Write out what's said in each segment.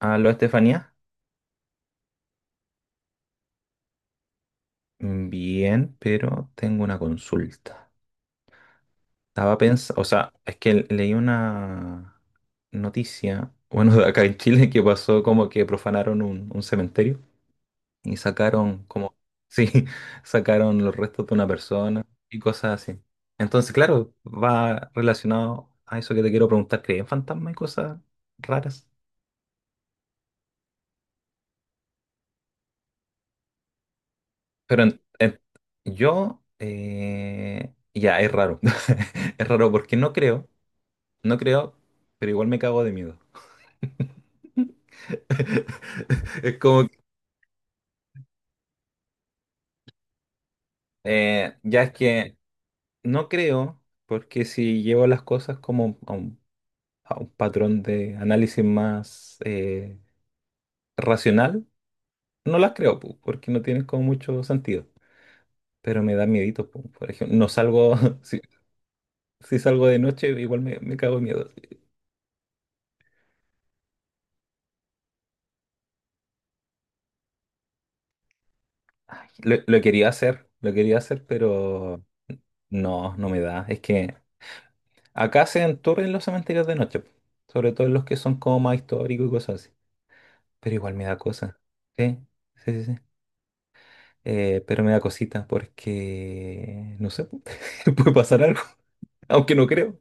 Aló, Estefanía. Bien, pero tengo una consulta. Estaba pensando, o sea, es que leí una noticia, bueno, de acá en Chile, que pasó como que profanaron un cementerio y sacaron como, sí, sacaron los restos de una persona y cosas así. Entonces, claro, va relacionado a eso que te quiero preguntar, ¿crees en fantasmas y cosas raras? Pero en- en- ya, es raro. Es raro porque no creo. No creo, pero igual me cago de miedo. Es como, que, ya es que no creo, porque si llevo las cosas como a a un patrón de análisis más racional, no las creo, pu, porque no tienen como mucho sentido. Pero me da miedito, pu. Por ejemplo, no salgo, si, si salgo de noche, igual me cago de miedo. Lo quería hacer, pero no, no me da. Es que acá se tours en los cementerios de noche, po, sobre todo en los que son como más históricos y cosas así. Pero igual me da cosa. Sí, sí, sí, sí. Pero me da cosita porque, no sé, po, puede pasar algo, aunque no creo.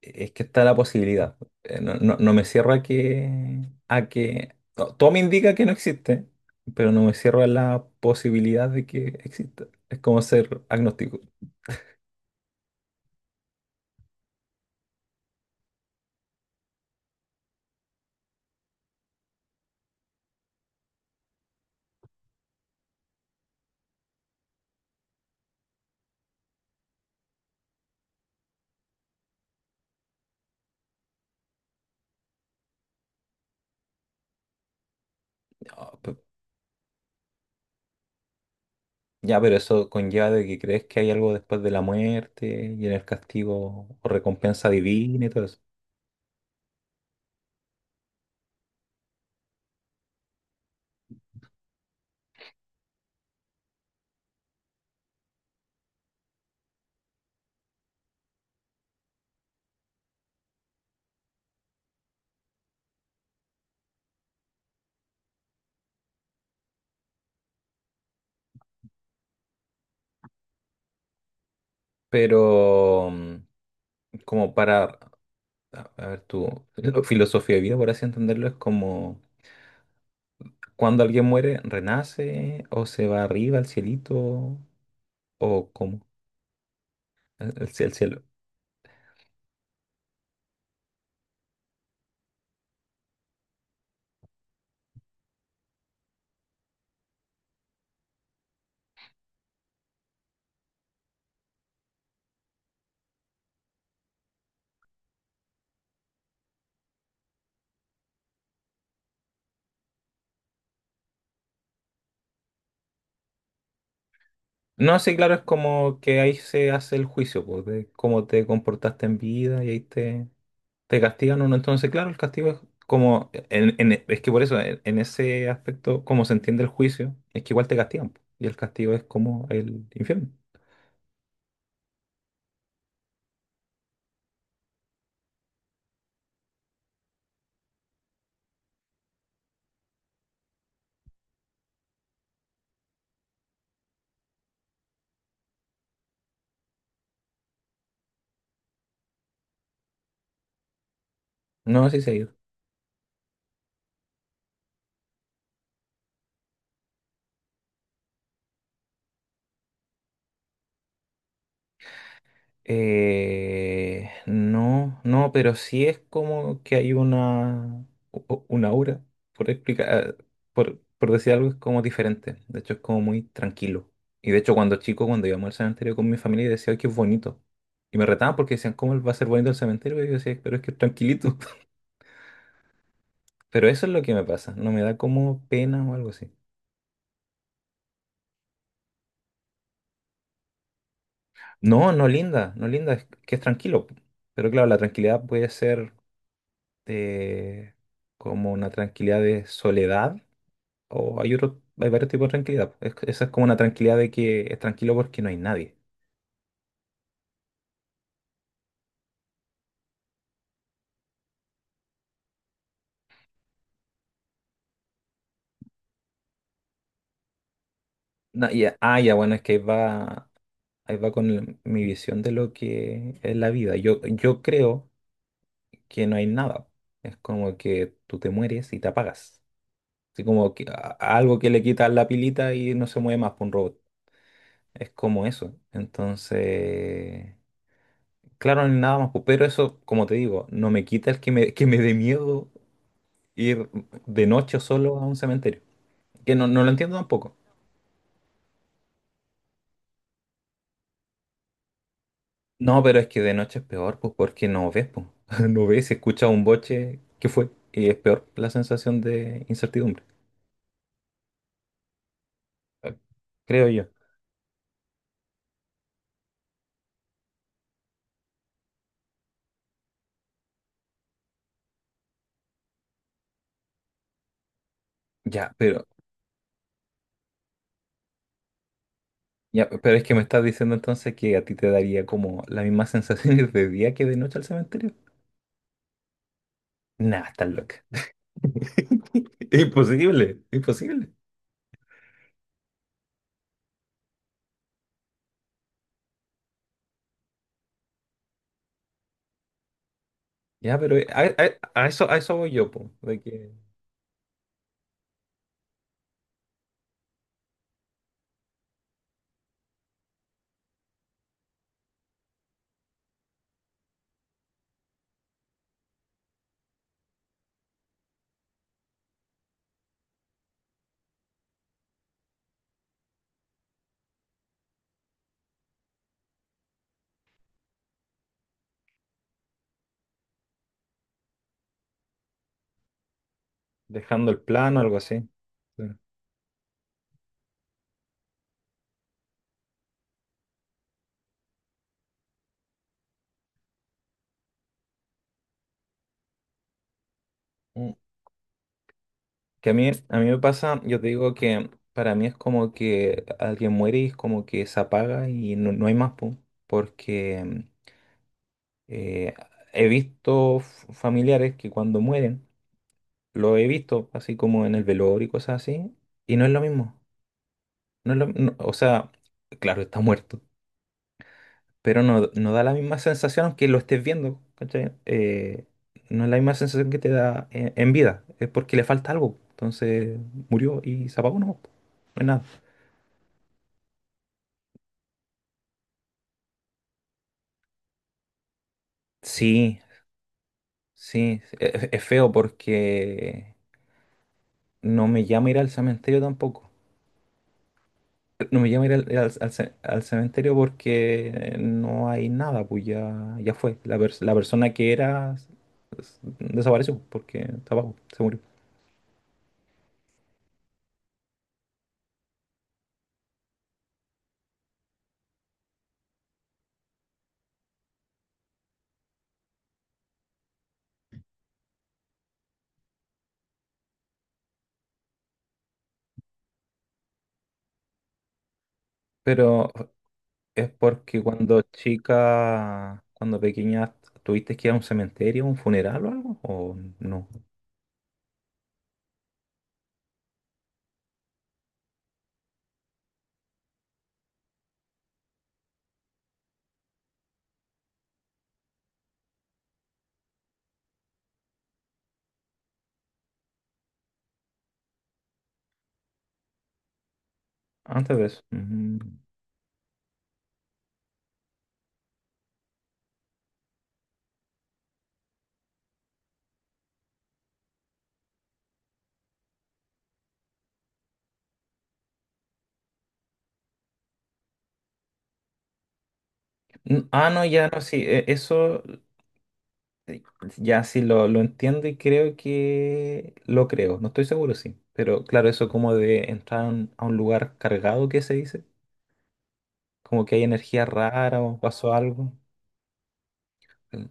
Es que está la posibilidad. No, no me cierro a que... no, todo me indica que no existe, pero no me cierro a la posibilidad de que exista. Es como ser agnóstico. Ya, pero eso conlleva de que crees que hay algo después de la muerte y en el castigo o recompensa divina y todo eso. Pero como para, a ver, tu filosofía de vida, por así entenderlo, es como cuando alguien muere, renace o se va arriba al cielito o como el cielo. El cielo. No, sí, claro, es como que ahí se hace el juicio, pues, de cómo te comportaste en vida y ahí te castigan o no. Entonces, claro, el castigo es como, es que por eso, en ese aspecto, como se entiende el juicio, es que igual te castigan, po. Y el castigo es como el infierno. No, así seguido. No, no, pero sí es como que hay una, una aura, por explicar, por decir algo, es como diferente. De hecho, es como muy tranquilo. Y de hecho, cuando chico, cuando íbamos al cementerio con mi familia, decía, ay, qué bonito. Y me retaban porque decían, ¿cómo va a ser bonito el cementerio? Y yo decía, pero es que es tranquilito. Pero eso es lo que me pasa, no me da como pena o algo así. No, no linda, no linda, es que es tranquilo. Pero claro, la tranquilidad puede ser eh, como una tranquilidad de soledad o hay hay varios tipos de tranquilidad. Esa es como una tranquilidad de que es tranquilo porque no hay nadie. Es que ahí va con mi visión de lo que es la vida. Yo creo que no hay nada. Es como que tú te mueres y te apagas. Así como que, algo que le quita la pilita y no se mueve más por un robot. Es como eso. Entonces, claro, ni nada más, pues. Pero eso, como te digo, no me quita el que me dé miedo ir de noche solo a un cementerio. Que no, no lo entiendo tampoco. No, pero es que de noche es peor, pues porque no ves, pues. No ves, escuchas un boche, ¿qué fue? Y es peor la sensación de incertidumbre. Creo yo. Ya, pero ya, pero es que me estás diciendo entonces que a ti te daría como las mismas sensaciones de día que de noche al cementerio. Nah, estás loca. Imposible, imposible. Ya, pero a eso voy yo, po, de que dejando el plano, algo así. Claro. Mm. Que a mí me pasa, yo te digo que para mí es como que alguien muere y es como que se apaga y no, no hay más, po, porque eh, he visto familiares que cuando mueren, lo he visto así como en el velorio y cosas así, y no es lo mismo. No es o sea, claro, está muerto, pero no, no da la misma sensación aunque lo estés viendo, ¿cachai? No es la misma sensación que te da en vida, es porque le falta algo. Entonces murió y se apagó, no, no es nada. Sí, sí, es feo porque no me llama ir al cementerio tampoco. No me llama ir al, al cementerio porque no hay nada, pues ya, ya fue. La, la persona que era desapareció porque estaba, abajo, se murió. Pero es porque cuando chica, cuando pequeña, ¿tuviste que ir a un cementerio, un funeral o algo? ¿O no? Antes de eso. Ujú. N- Ah, no, ya no, sí, e- eso Sí, ya sí lo entiendo y creo que lo creo, no estoy seguro, sí. Pero claro, eso como de entrar a un lugar cargado, ¿qué se dice? Como que hay energía rara o pasó algo. eh,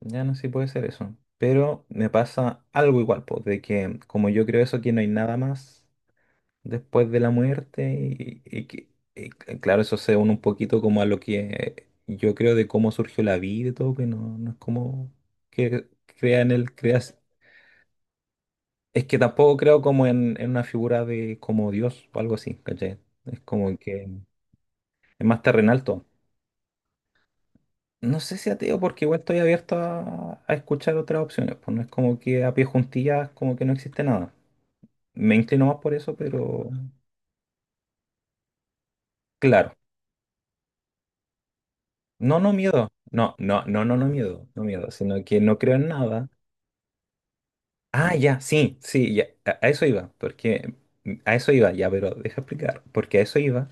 Ya no sé si puede ser eso. Pero me pasa algo igual, pues, de que como yo creo eso, que no hay nada más después de la muerte y claro, eso se une un poquito como a lo que yo creo de cómo surgió la vida y todo, que no, no es como que crea en el creas. Es que tampoco creo como en una figura de como Dios o algo así, ¿cachai? Es como que es más terrenal todo. No sé si ateo, porque igual estoy abierto a escuchar otras opciones, pues no es como que a pie juntillas como que no existe nada. Me inclino más por eso, pero claro. No, no miedo. No, no, no, no, no miedo, no miedo, sino que no creo en nada. Ah, ya, sí, sí, ya, a eso iba, porque a eso iba, ya, pero deja explicar, porque a eso iba.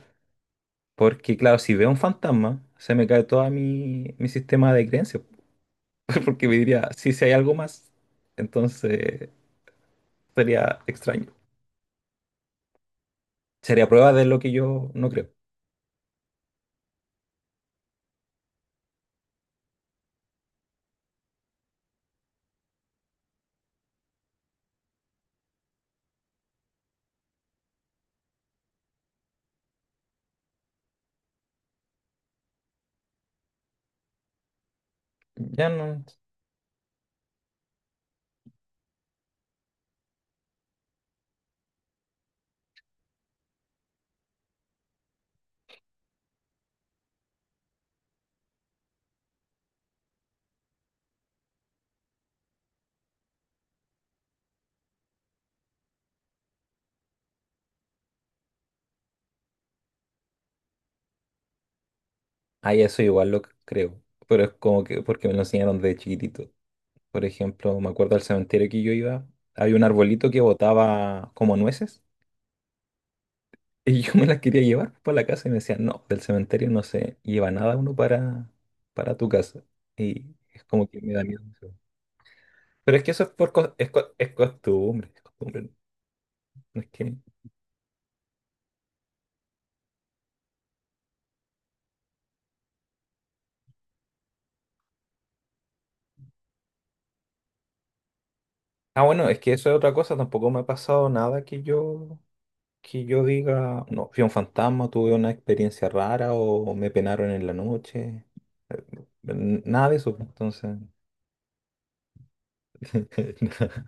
Porque, claro, si veo un fantasma, se me cae todo mi sistema de creencias. Porque me diría, sí, si hay algo más, entonces sería extraño. Sería prueba de lo que yo no creo. Ya no. Ah, ya eso igual lo creo. Pero es como que porque me lo enseñaron de chiquitito. Por ejemplo, me acuerdo del cementerio que yo iba, había un arbolito que botaba como nueces. Y yo me las quería llevar para la casa y me decían, no, del cementerio no se lleva nada uno para tu casa. Y es como que me da miedo. Pero es que eso es, por, co- es costumbre, es costumbre. No. No es que... Ah, bueno, es que eso es otra cosa. Tampoco me ha pasado nada que que yo diga, no, fui un fantasma, tuve una experiencia rara o me penaron en la noche. Nada de eso, pues, entonces. Nada.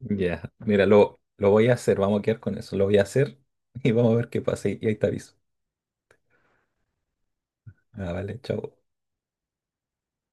Ya, mira, lo voy a hacer, vamos a quedar con eso. Lo voy a hacer y vamos a ver qué pasa y ahí te aviso. Ah, vale, chao.